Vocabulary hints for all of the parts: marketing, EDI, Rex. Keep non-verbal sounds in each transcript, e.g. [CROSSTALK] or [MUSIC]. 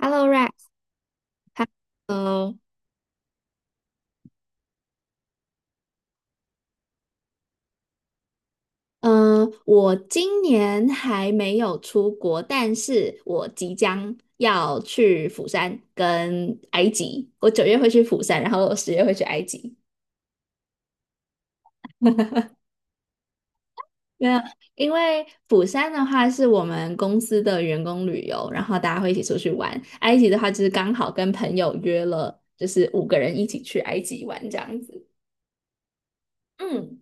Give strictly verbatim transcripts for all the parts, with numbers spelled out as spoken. Hello Rex，Hello，嗯，我今年还没有出国，但是我即将要去釜山跟埃及。我九月会去釜山，然后十月会去埃及。没有，因为釜山的话是我们公司的员工旅游，然后大家会一起出去玩。埃及的话就是刚好跟朋友约了，就是五个人一起去埃及玩这样子。嗯。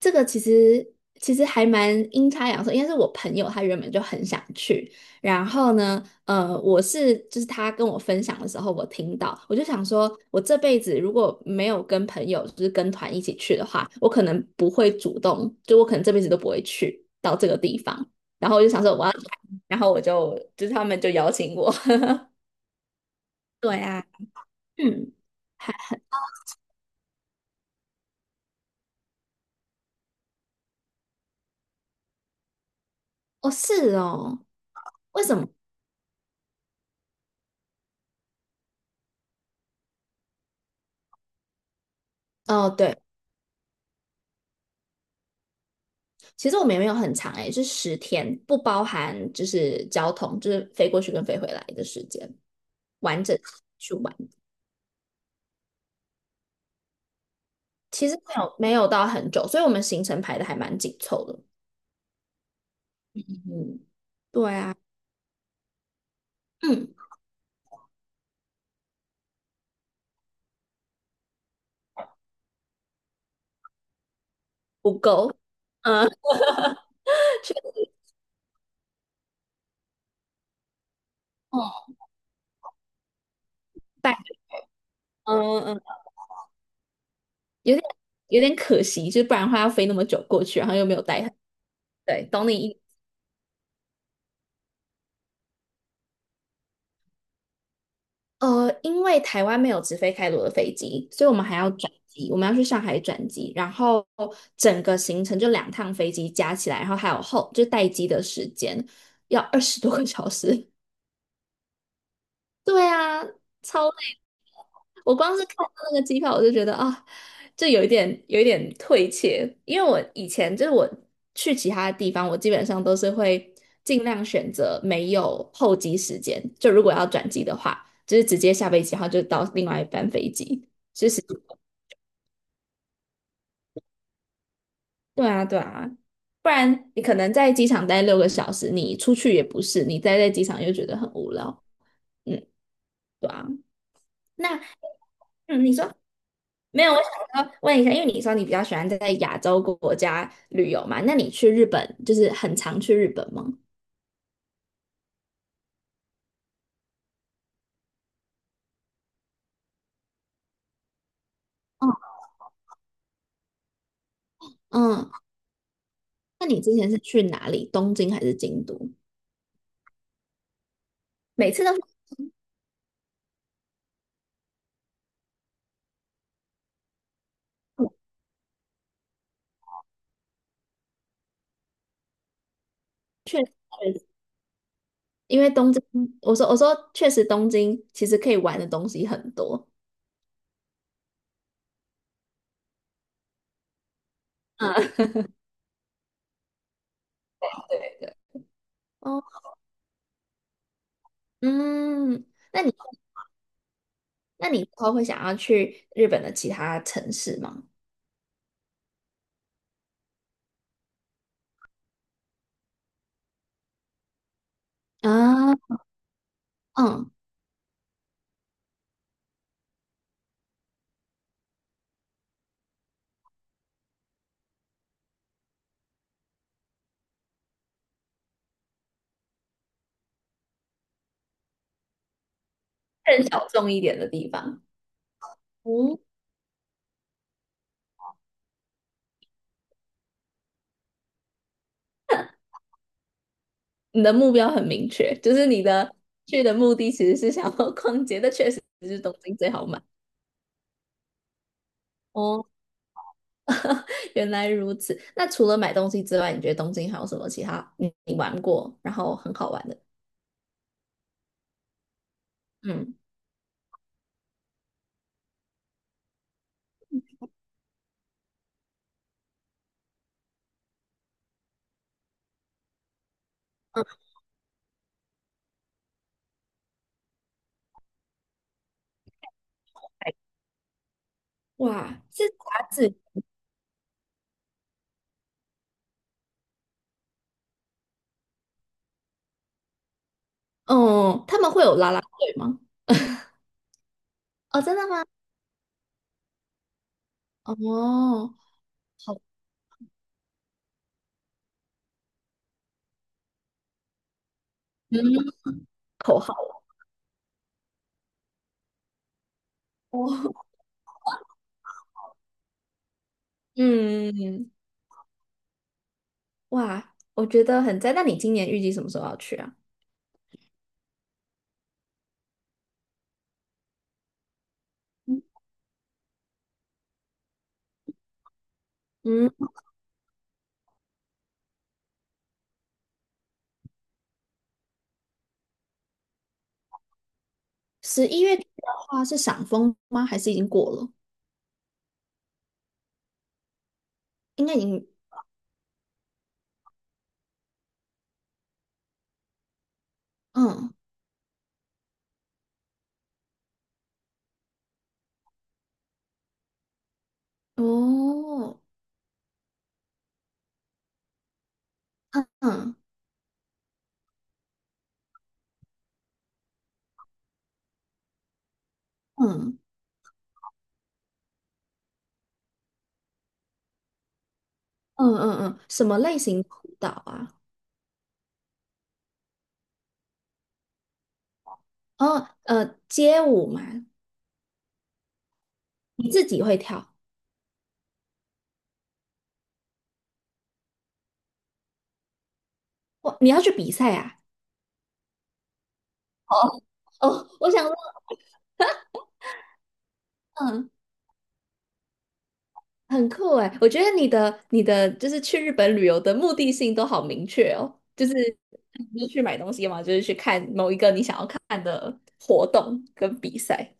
这个其实其实还蛮阴差阳错，应该是我朋友他原本就很想去，然后呢，呃，我是就是他跟我分享的时候，我听到，我就想说，我这辈子如果没有跟朋友就是跟团一起去的话，我可能不会主动，就我可能这辈子都不会去到这个地方，然后我就想说我要来然后我就就是他们就邀请我，[LAUGHS] 对啊，嗯，还哦是哦，为什么？哦对。其实我们也没有很长诶、欸是十天，不包含就是交通，就是飞过去跟飞回来的时间，完整去玩。其实没有没有到很久，所以我们行程排的还蛮紧凑的。嗯，对啊，嗯，不够，嗯，[LAUGHS] 去哦，拜，嗯嗯，有点有点可惜，就是不然的话要飞那么久过去，然后又没有带很，对，懂你意呃，因为台湾没有直飞开罗的飞机，所以我们还要转机，我们要去上海转机，然后整个行程就两趟飞机加起来，然后还有后就待机的时间要二十多个小时，对啊，超累。我光是看到那个机票，我就觉得啊，就有一点有一点退怯，因为我以前就是我去其他地方，我基本上都是会尽量选择没有候机时间，就如果要转机的话，就是直接下飞机，然后就到另外一班飞机。其实，对啊，对啊，不然你可能在机场待六个小时，你出去也不是，你待在机场又觉得很无聊。嗯，那嗯，你说。没有，我想要问一下，因为你说你比较喜欢在亚洲国家旅游嘛，那你去日本就是很常去日本吗？嗯嗯，那你之前是去哪里？东京还是京都？每次都是这么去，因为东京，我说我说确实东京其实可以玩的东西很多。嗯哦嗯，那你那你以后会想要去日本的其他城市吗？啊嗯，更小众一点的地方。嗯。你的目标很明确，就是你的去的目的其实是想要逛街，[LAUGHS] 但确实是东京最好买。哦，[LAUGHS] 原来如此。那除了买东西之外，你觉得东京还有什么其他你你玩过，然后很好玩的？嗯嗯，哇，是杂志。哦，他们会有拉拉队吗？哦，真的吗？哦，好，嗯，[LAUGHS] 口号哦，嗯，哇，我觉得很赞。那你今年预计什么时候要去啊？嗯。十一月底的话是赏枫吗？还是已经过了？应该已经，嗯，哦，嗯嗯嗯嗯嗯嗯，什么类型舞蹈啊？哦，呃，街舞嘛，你自己会跳？哇，你要去比赛啊？哦哦，我想说，嗯，很酷哎，我觉得你的你的就是去日本旅游的目的性都好明确哦，就是不是去买东西嘛，就是去看某一个你想要看的活动跟比赛。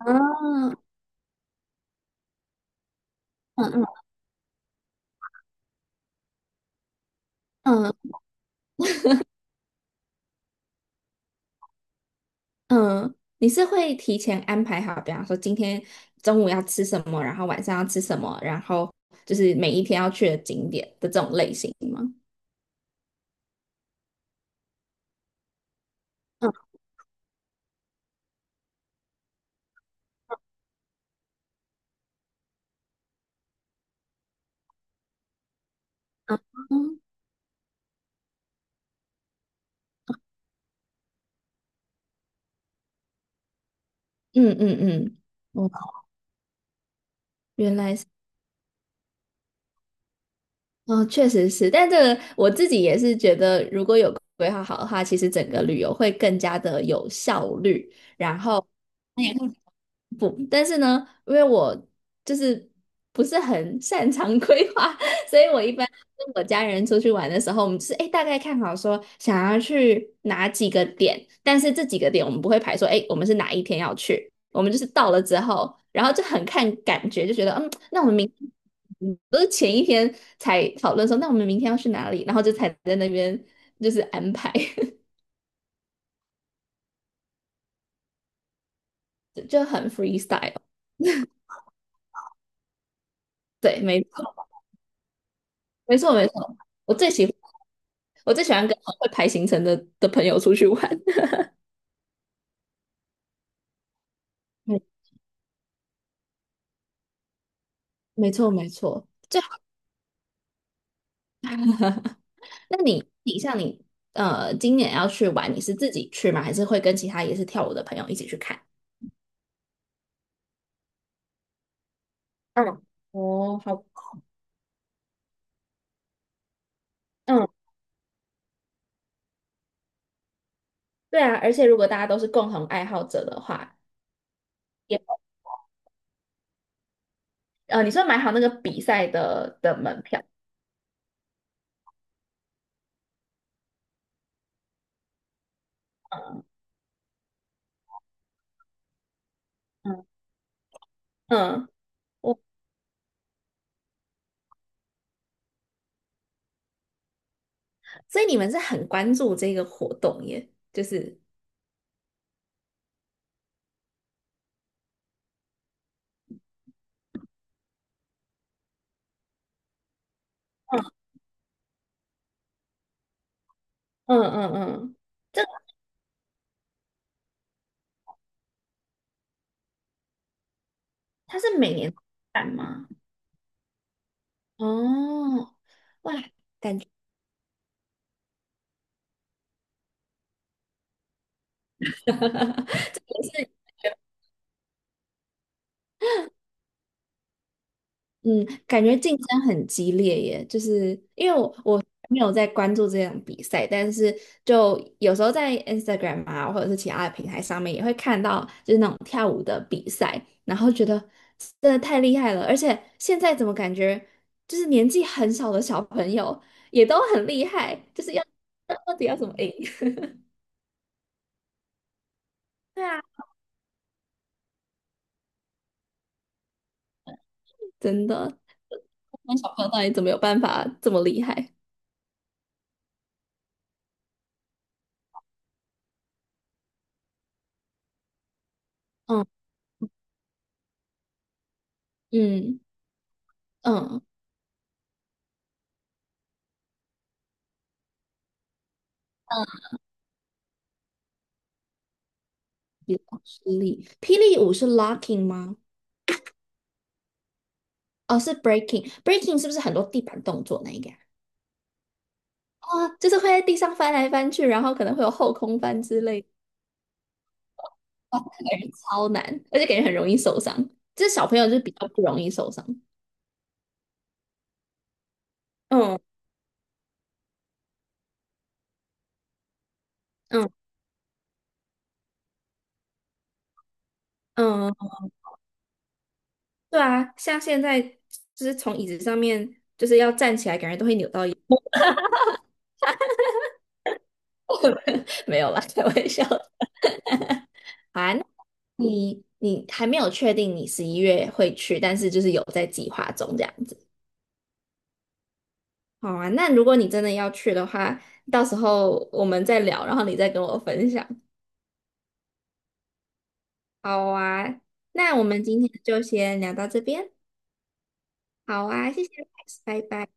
嗯嗯嗯嗯嗯，你是会提前安排好，比方说今天中午要吃什么，然后晚上要吃什么，然后就是每一天要去的景点的这种类型吗？嗯嗯嗯嗯嗯，哦，原来是，哦，确实是，但这个我自己也是觉得，如果有规划好的话，其实整个旅游会更加的有效率，然后。也不，但是呢，因为我就是不是很擅长 [LAUGHS] 规划，所以我一般跟我家人出去玩的时候，我们就是哎大概看好说想要去哪几个点，但是这几个点我们不会排说哎我们是哪一天要去，我们就是到了之后，然后就很看感觉，就觉得嗯，那我们明嗯都是前一天才讨论说那我们明天要去哪里，然后就才在那边就是安排，[LAUGHS] 就很 freestyle。对，没错，没错，没错，我最喜欢。我最喜欢跟会排行程的的朋友出去玩。[LAUGHS] 没没错没错，就那你你像你呃，今年要去玩，你是自己去吗？还是会跟其他也是跳舞的朋友一起去看？嗯，哦，好，嗯，对啊，而且如果大家都是共同爱好者的话，也呃，你说买好那个比赛的的门票，嗯嗯，我所以你们是很关注这个活动耶，就是嗯嗯嗯嗯，这个它是每年办吗？哦，哇，[LAUGHS] 这也是，嗯，感觉竞争很激烈耶，就是因为我我没有在关注这种比赛，但是就有时候在 Instagram 啊，或者是其他的平台上面也会看到，就是那种跳舞的比赛，然后觉得真的太厉害了，而且现在怎么感觉就是年纪很小的小朋友也都很厉害，就是要到底要怎么赢？[LAUGHS] 对啊，真的，那小朋友到底怎么有办法这么厉害？嗯嗯嗯。霹雳，霹雳舞是 locking 吗？哦，是 breaking，breaking 是不是很多地板动作那一个啊，哦，就是会在地上翻来翻去，然后可能会有后空翻之类的。哇，那感觉超难，而且感觉很容易受伤。这小朋友就比较不容易受伤。嗯嗯嗯，对啊，像现在就是从椅子上面就是要站起来，感觉都会扭到腰 [LAUGHS] 没有啦，开玩笑的。[LAUGHS] 好啊，那你你还没有确定你十一月会去，但是就是有在计划中这样子。好啊，那如果你真的要去的话，到时候我们再聊，然后你再跟我分享。好啊，那我们今天就先聊到这边。好啊，谢谢拜拜。